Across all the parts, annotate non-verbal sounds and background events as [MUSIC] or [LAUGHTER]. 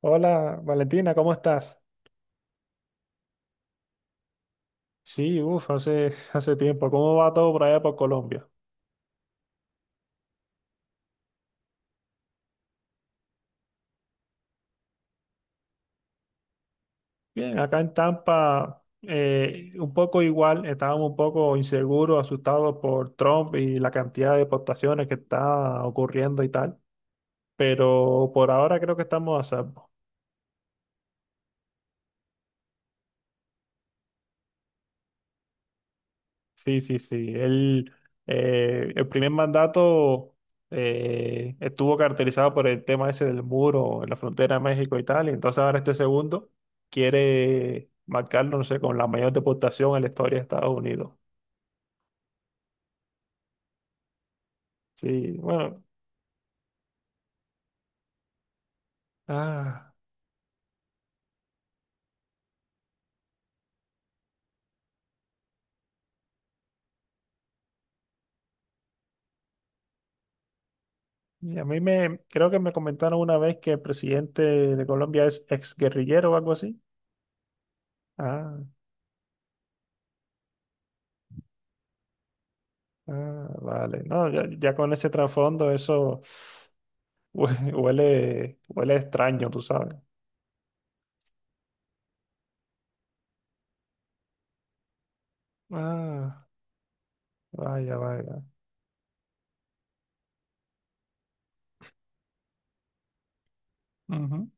Hola Valentina, ¿cómo estás? Sí, uff, hace, [LAUGHS] hace tiempo. ¿Cómo va todo por allá por Colombia? Bien, acá en Tampa, un poco igual, estábamos un poco inseguros, asustados por Trump y la cantidad de deportaciones que está ocurriendo y tal, pero por ahora creo que estamos a salvo. Sí, sí, sí. El primer mandato estuvo caracterizado por el tema ese del muro en la frontera de México y tal. Y entonces ahora este segundo quiere marcarlo, no sé, con la mayor deportación en la historia de Estados Unidos. Sí, bueno. Ah, y creo que me comentaron una vez que el presidente de Colombia es exguerrillero o algo así. Ah, ah, vale. No, ya, ya con ese trasfondo eso [LAUGHS] huele, huele extraño, tú sabes. Ah, vaya, vaya. Ujú.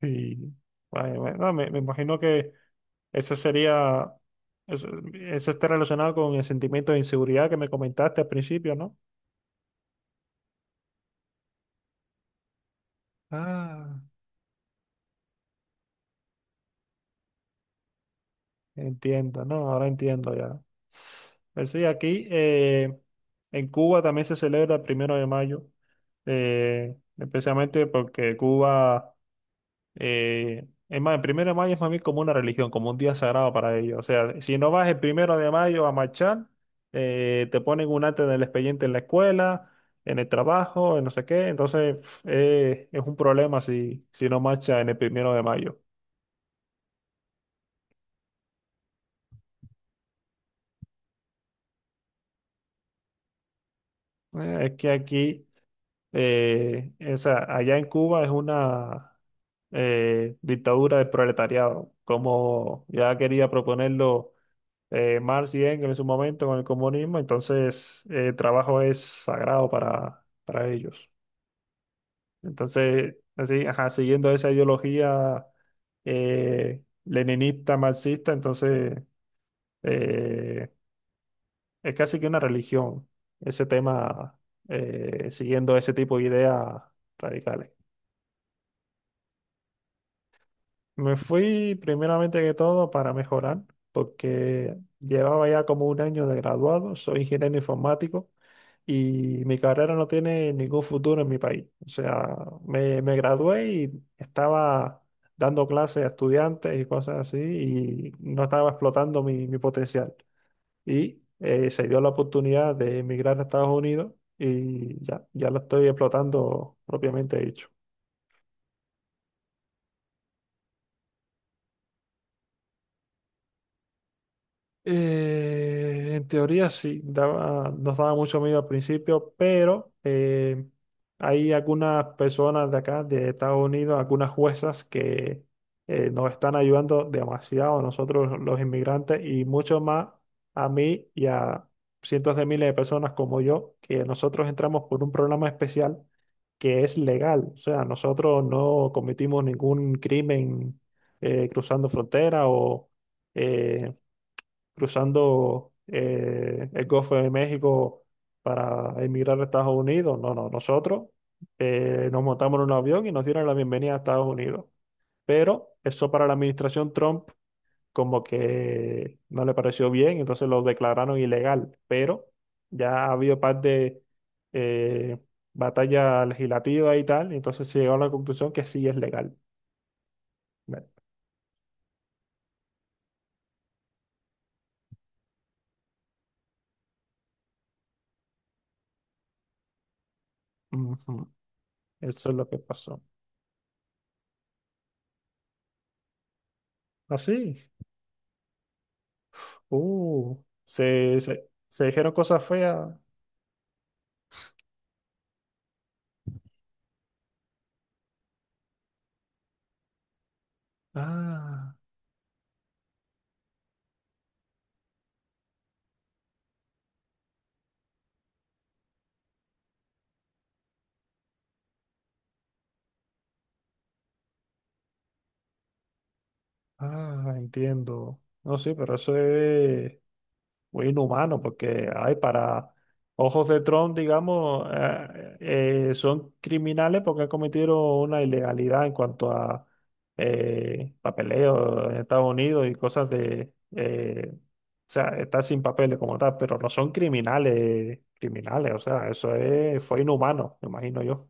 Sí, vaya, vaya. No, me imagino que eso sería, eso, eso está relacionado con el sentimiento de inseguridad que me comentaste al principio, ¿no? Ah, entiendo, ¿no? Ahora entiendo ya. Pues sí, aquí en Cuba también se celebra el primero de mayo, especialmente porque Cuba... Es más, el primero de mayo es para mí como una religión, como un día sagrado para ellos. O sea, si no vas el primero de mayo a marchar, te ponen un arte del expediente en la escuela, en el trabajo, en no sé qué. Entonces, pf, es un problema si no marchas en el primero de mayo. Es que allá en Cuba es una dictadura del proletariado, como ya quería proponerlo Marx y Engels en su momento con el comunismo, entonces el trabajo es sagrado para ellos. Entonces, así, ajá, siguiendo esa ideología leninista, marxista, entonces eh, es casi que una religión ese tema, siguiendo ese tipo de ideas radicales. Me fui primeramente que todo para mejorar, porque llevaba ya como un año de graduado, soy ingeniero informático. Y mi carrera no tiene ningún futuro en mi país. O sea, me gradué y estaba dando clases a estudiantes y cosas así y no estaba explotando mi potencial. Y se dio la oportunidad de emigrar a Estados Unidos y ya, ya lo estoy explotando propiamente dicho. En teoría sí, nos daba mucho miedo al principio, pero hay algunas personas de acá, de Estados Unidos, algunas juezas que nos están ayudando demasiado a nosotros los inmigrantes y mucho más a mí y a cientos de miles de personas como yo, que nosotros entramos por un programa especial que es legal. O sea, nosotros no cometimos ningún crimen cruzando frontera o... eh, cruzando el Golfo de México para emigrar a Estados Unidos. No, no, nosotros nos montamos en un avión y nos dieron la bienvenida a Estados Unidos. Pero eso para la administración Trump como que no le pareció bien, entonces lo declararon ilegal. Pero ya ha habido par de eh, batalla legislativa y tal, entonces se llegó a la conclusión que sí es legal. Bueno. Ujú. Eso es lo que pasó. Así. Uh, se dijeron cosas feas. Ah, ah, entiendo. No, sí, pero eso es muy inhumano porque, ay, para ojos de Trump, digamos, son criminales porque cometieron una ilegalidad en cuanto a papeleo en Estados Unidos y cosas de, o sea, estar sin papeles como tal, pero no son criminales, criminales, o sea, eso es, fue inhumano, me imagino yo.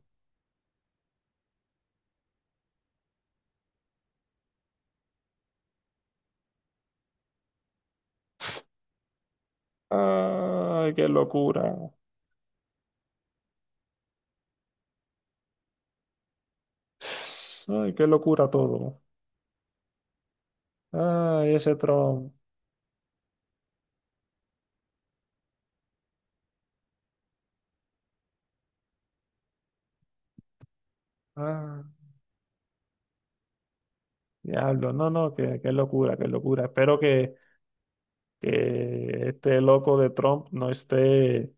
Ay, qué locura. Ay, qué locura todo. Ay, ese Trump. Ah, diablo. No, no, qué, qué locura, qué locura. Espero que este loco de Trump no esté.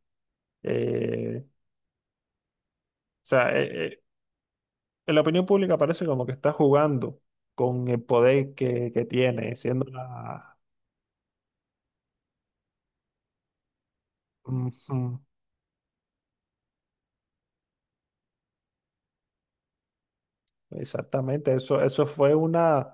eh, o sea, eh, eh, en la opinión pública parece como que está jugando con el poder que tiene, siendo la. Ujú. Exactamente, eso fue una.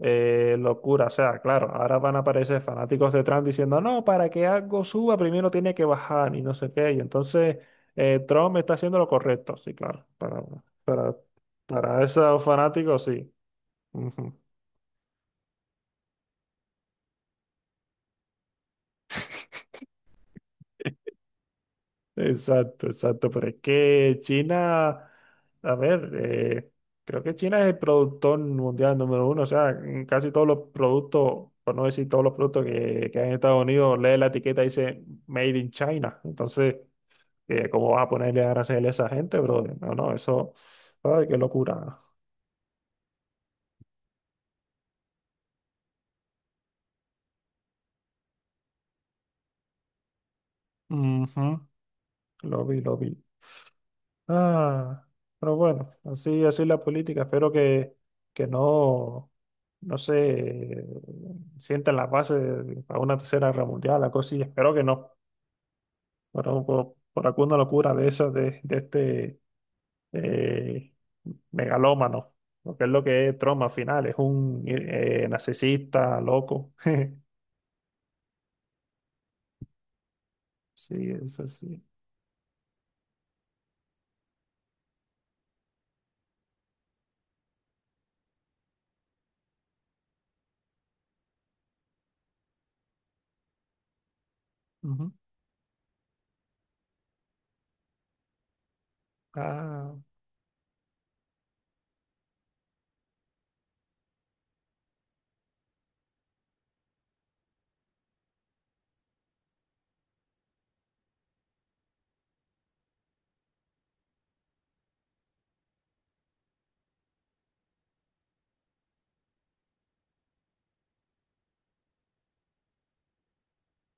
Locura, o sea, claro, ahora van a aparecer fanáticos de Trump diciendo, no, para que algo suba primero tiene que bajar y no sé qué, y entonces Trump está haciendo lo correcto, sí, claro, para, para esos fanáticos, sí. Ujú. Exacto, exacto, pero es que China, a ver, creo que China es el productor mundial número uno, o sea, en casi todos los productos, por no decir todos los productos que hay en Estados Unidos, lee la etiqueta y dice Made in China, entonces... ¿Cómo vas a ponerle a aranceles a esa gente, brother? No, no, eso. Ay, qué locura. Ujú. Lo vi, lo vi. Ah, pero bueno, así, así es la política. Espero que no se sientan las bases para una tercera guerra mundial, la cosa, y espero que no. Por alguna locura de esas, de este eh, megalómano, lo que es Trump al final, es un narcisista, loco. [LAUGHS] Sí, eso sí. Ujú. Ah,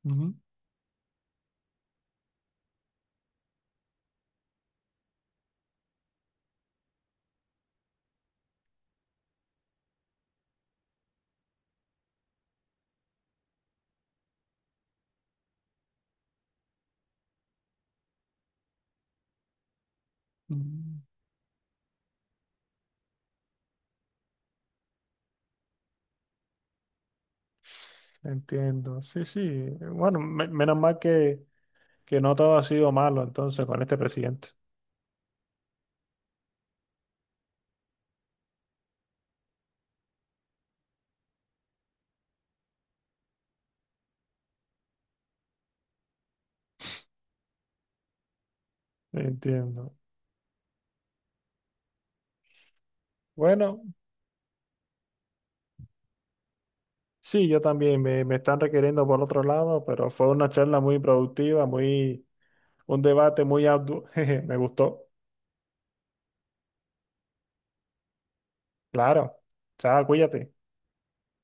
ujú, ujú. Entiendo. Sí, sí. Bueno, menos mal que no todo ha sido malo entonces con este presidente. Entiendo. Bueno, sí, yo también me están requiriendo por otro lado, pero fue una charla muy productiva, muy, un debate muy arduo. [LAUGHS] Jeje, me gustó. Claro. Chao, cuídate.